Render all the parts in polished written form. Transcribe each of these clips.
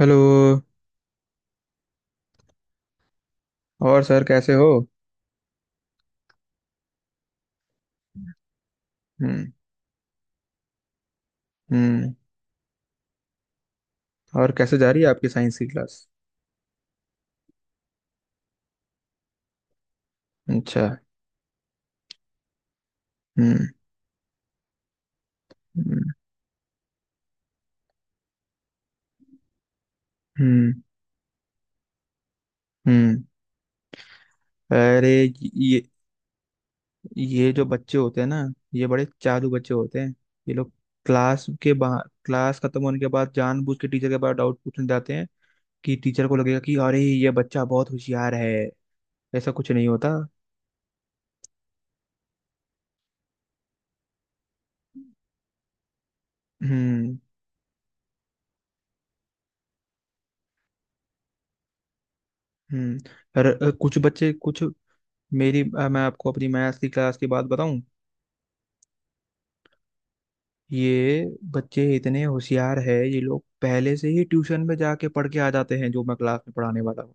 Hello. और sir कैसे हो? हम्म। हम्म। और कैसे जा रही है आपकी साइंस की क्लास? अच्छा। हम्म। हम्म। हम्म। हम्म। अरे, ये ये जो बच्चे होते हैं ना, ये बड़े चालू बच्चे होते हैं। ये लोग क्लास के बाहर, क्लास खत्म होने के बाद जानबूझ के टीचर के पास डाउट पूछने जाते हैं कि टीचर को लगेगा कि अरे ये बच्चा बहुत होशियार है। ऐसा कुछ नहीं होता। हम्म। हम्म। अरे, कुछ बच्चे कुछ। मैं आपको अपनी मैथ्स की क्लास की बात बताऊं। ये बच्चे इतने होशियार है, ये लोग पहले से ही ट्यूशन में जाके पढ़ के आ जाते हैं जो मैं क्लास में पढ़ाने वाला हूँ।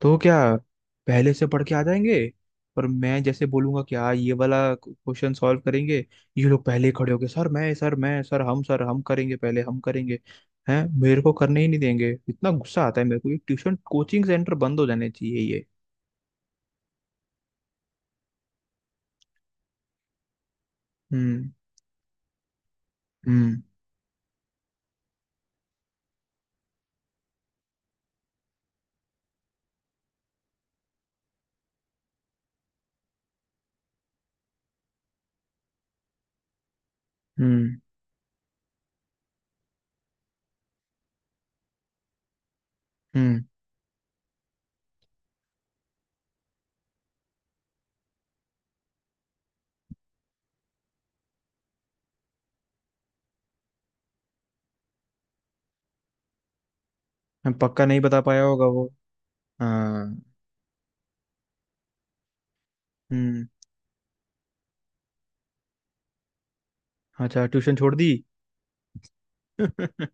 तो क्या, पहले से पढ़ के आ जाएंगे। पर मैं जैसे बोलूंगा कि हाँ, ये वाला क्वेश्चन सॉल्व करेंगे, ये लोग पहले ही खड़े होंगे, सर मैं, सर मैं, सर हम, सर हम करेंगे, पहले हम करेंगे। हैं, मेरे को करने ही नहीं देंगे, इतना गुस्सा आता है मेरे को, ये ट्यूशन कोचिंग सेंटर बंद हो जाने चाहिए ये। हम्म। हम्म। हम्म। हम्म। पक्का नहीं बता पाया होगा वो। हाँ। हम्म। अच्छा, ट्यूशन छोड़ दी? हम्म।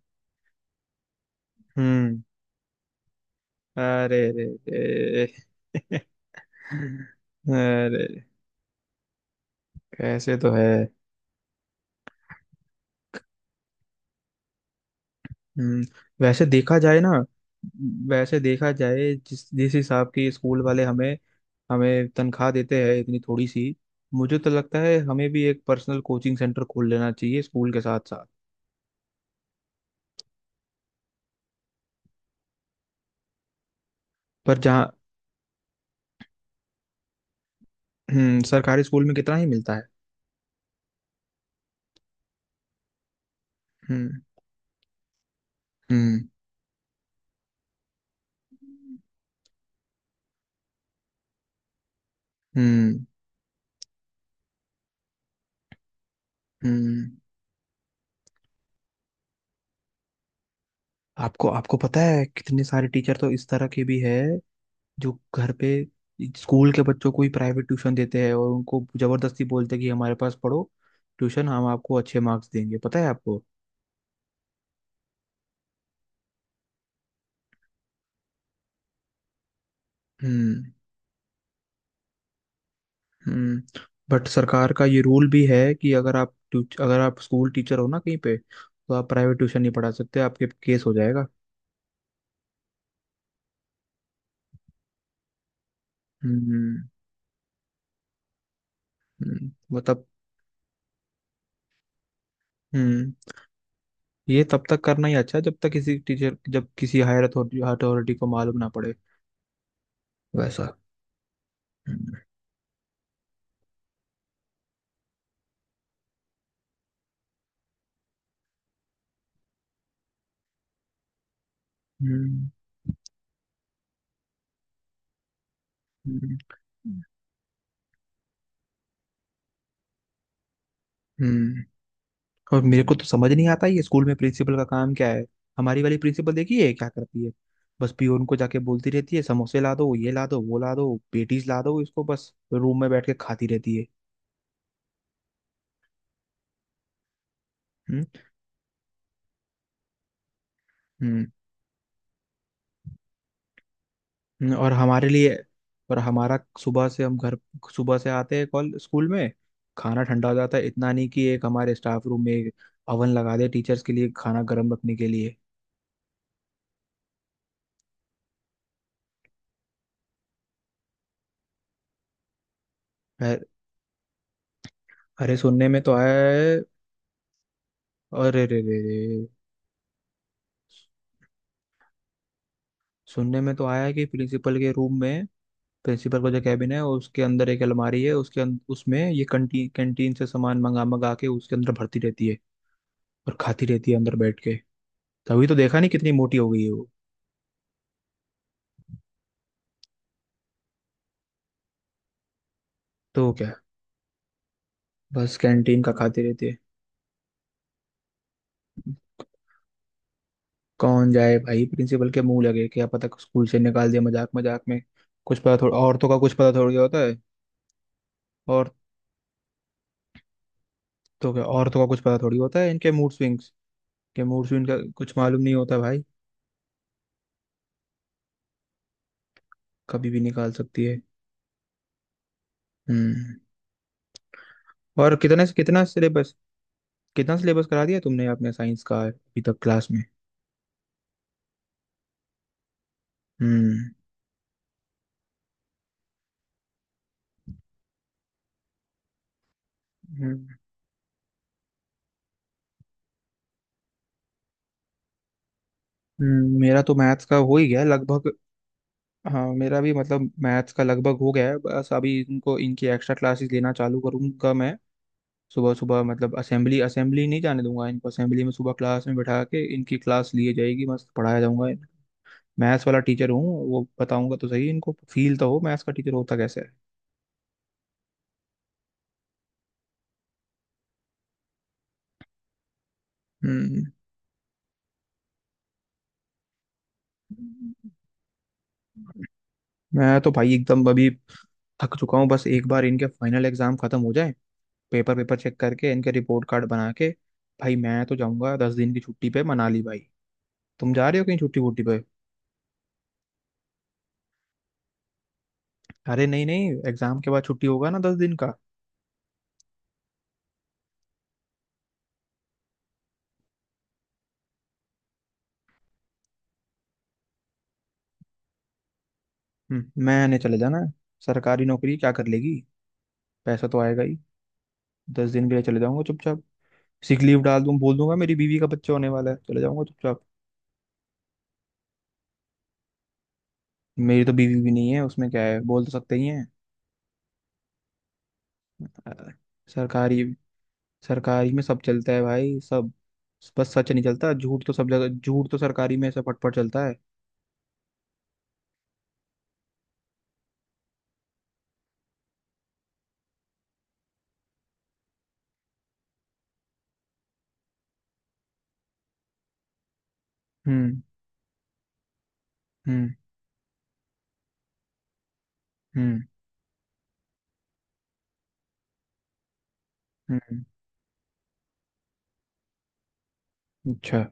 अरे रे रे। अरे, कैसे तो है। हम्म। वैसे देखा जाए ना। वैसे देखा जाए, जिस जिस हिसाब की स्कूल वाले हमें हमें तनख्वाह देते हैं, इतनी थोड़ी सी। मुझे तो लगता है हमें भी एक पर्सनल कोचिंग सेंटर खोल लेना चाहिए स्कूल के साथ साथ। पर जहाँ। हम्म। सरकारी स्कूल में कितना ही मिलता है। हम्म। हम्म। हम्म। हम्म। आपको आपको पता है कितने सारे टीचर तो इस तरह के भी है, जो घर पे स्कूल के बच्चों को ही प्राइवेट ट्यूशन देते हैं और उनको जबरदस्ती बोलते हैं कि हमारे पास पढ़ो ट्यूशन, हम आपको अच्छे मार्क्स देंगे, पता है आपको। हम्म। हम्म। बट सरकार का ये रूल भी है कि अगर आप अगर आप स्कूल टीचर हो ना कहीं पे, तो आप प्राइवेट ट्यूशन नहीं पढ़ा सकते, आपके केस हो जाएगा। हम्म। हम्म, मतलब। हम्म। ये तब तक करना ही अच्छा है जब तक किसी टीचर, जब किसी हायर अथॉरिटी अथॉरिटी को मालूम ना पड़े। वैसा। हम्म। हम्म। हम्म। हम्म। और मेरे को तो समझ नहीं आता ये स्कूल में प्रिंसिपल का काम क्या है। हमारी वाली प्रिंसिपल देखी है क्या करती है? बस पियोन को जाके बोलती रहती है, समोसे ला दो, ये ला दो, वो ला दो, पेटीज ला दो इसको, बस रूम में बैठ के खाती रहती है। हम्म। हम्म। और हमारे लिए। और हमारा सुबह से, हम घर, सुबह से आते हैं कॉल स्कूल में, खाना ठंडा हो जाता है। इतना नहीं कि एक हमारे स्टाफ रूम में एक अवन लगा दे टीचर्स के लिए, खाना गर्म रखने के लिए। अ- अरे सुनने में तो आया है। अरे रे रे रे। सुनने में तो आया है कि प्रिंसिपल के रूम में, प्रिंसिपल का जो कैबिन है उसके अंदर एक अलमारी है, उसमें ये कंटी कैंटीन से सामान मंगा मंगा के उसके अंदर भरती रहती है और खाती रहती है अंदर बैठ के। तभी तो देखा नहीं कितनी मोटी हो गई है वो। तो क्या, बस कैंटीन का खाती रहती है। कौन जाए भाई प्रिंसिपल के मुंह लगे, क्या पता स्कूल से निकाल दिया मजाक मजाक में, कुछ पता थोड़ा, औरतों का कुछ पता थोड़ी होता है। और, तो क्या, औरतों का कुछ पता थोड़ी होता है, इनके मूड स्विंग्स के मूड स्विंग का कुछ मालूम नहीं होता भाई, कभी भी निकाल सकती है। हम्म। और कितने कितना सिलेबस, कितना सिलेबस करा दिया तुमने अपने साइंस का अभी तक क्लास में? हम्म। हम्म। मेरा तो मैथ्स का हो ही गया लगभग। हाँ मेरा भी मतलब मैथ्स का लगभग हो गया है, बस अभी इनको इनकी एक्स्ट्रा क्लासेस लेना चालू करूंगा मैं। सुबह सुबह, मतलब असेंबली, असेंबली नहीं जाने दूंगा इनको, असेंबली में सुबह क्लास में बैठा के इनकी क्लास लिए जाएगी, मस्त पढ़ाया जाऊंगा। मैथ्स वाला टीचर हूँ, वो बताऊंगा तो सही इनको, फील तो हो मैथ्स का टीचर होता कैसे है। हम्म। मैं तो भाई एकदम अभी थक चुका हूँ, बस एक बार इनके फाइनल एग्जाम खत्म हो जाए, पेपर पेपर चेक करके इनके रिपोर्ट कार्ड बना के, भाई मैं तो जाऊंगा 10 दिन की छुट्टी पे मनाली भाई। तुम जा रहे हो कहीं छुट्टी वुट्टी पे? अरे नहीं नहीं, एग्जाम के बाद छुट्टी होगा ना 10 दिन का। मैंने चले जाना है। सरकारी नौकरी क्या कर लेगी, पैसा तो आएगा ही। 10 दिन के लिए चले जाऊंगा चुपचाप, सिक लीव डाल दूं, बोल दूंगा मेरी बीवी का बच्चा होने वाला है, चले जाऊंगा चुपचाप। मेरी तो बीवी भी नहीं है, उसमें क्या है, बोल तो सकते ही हैं। अ, सरकारी, सरकारी में सब चलता है भाई, सब। बस सच नहीं चलता, झूठ तो सब जगह, झूठ तो सरकारी में ऐसा फटफट चलता है। हम्म। हम्म। हम्म। हम्म, अच्छा।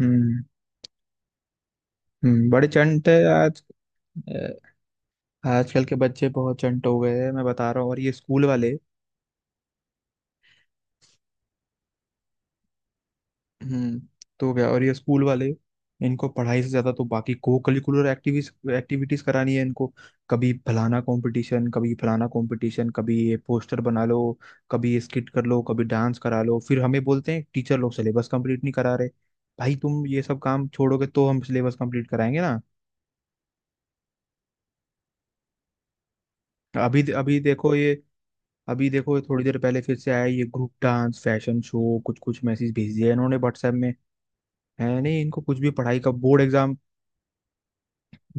हम्म। हम्म, बड़े चंट है आज। अ, आजकल के बच्चे बहुत चंट हो गए हैं, मैं बता रहा हूँ, और ये स्कूल वाले। हम्म। तो क्या, और ये स्कूल वाले, इनको पढ़ाई से ज्यादा तो बाकी को करिकुलर एक्टिविटीज एक्टिविटीज करानी है इनको। कभी फलाना कंपटीशन, कभी फलाना कंपटीशन, कभी ये पोस्टर बना लो, कभी ये स्किट कर लो, कभी डांस करा लो, फिर हमें बोलते हैं टीचर लोग सिलेबस कंप्लीट नहीं करा रहे। भाई तुम ये सब काम छोड़ोगे तो हम सिलेबस कंप्लीट कराएंगे ना। अभी अभी देखो ये, अभी देखो थोड़ी देर पहले फिर से आया ये ग्रुप डांस, फैशन शो, कुछ कुछ मैसेज भेज दिया इन्होंने व्हाट्सएप में। है नहीं इनको कुछ भी पढ़ाई का, board exam,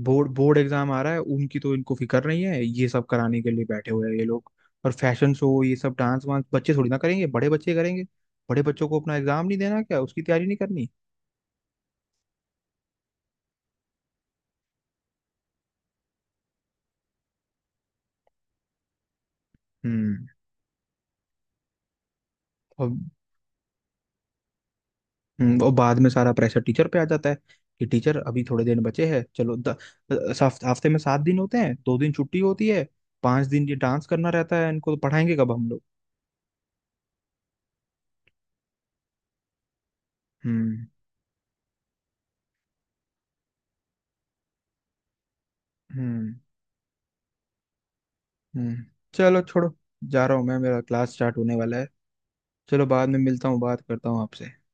board board exam आ रहा है उनकी, तो इनको फिक्र नहीं है, ये सब कराने के लिए बैठे हुए हैं ये लोग। और फैशन शो, ये सब डांस वांस बच्चे थोड़ी ना करेंगे, बड़े बच्चे करेंगे। बड़े बच्चों को अपना एग्जाम नहीं देना क्या, उसकी तैयारी नहीं करनी? हम्म। और और बाद में सारा प्रेशर टीचर पे आ जाता है कि टीचर अभी थोड़े दिन बचे हैं, हफ्ते में 7 दिन होते हैं, 2 दिन छुट्टी होती है, 5 दिन ये डांस करना रहता है, इनको तो पढ़ाएंगे कब हम लोग। हम्म। हम्म। हम्म। चलो छोड़ो, जा रहा हूँ मैं, मेरा क्लास स्टार्ट होने वाला है। चलो बाद में मिलता हूँ, बात करता हूँ आपसे।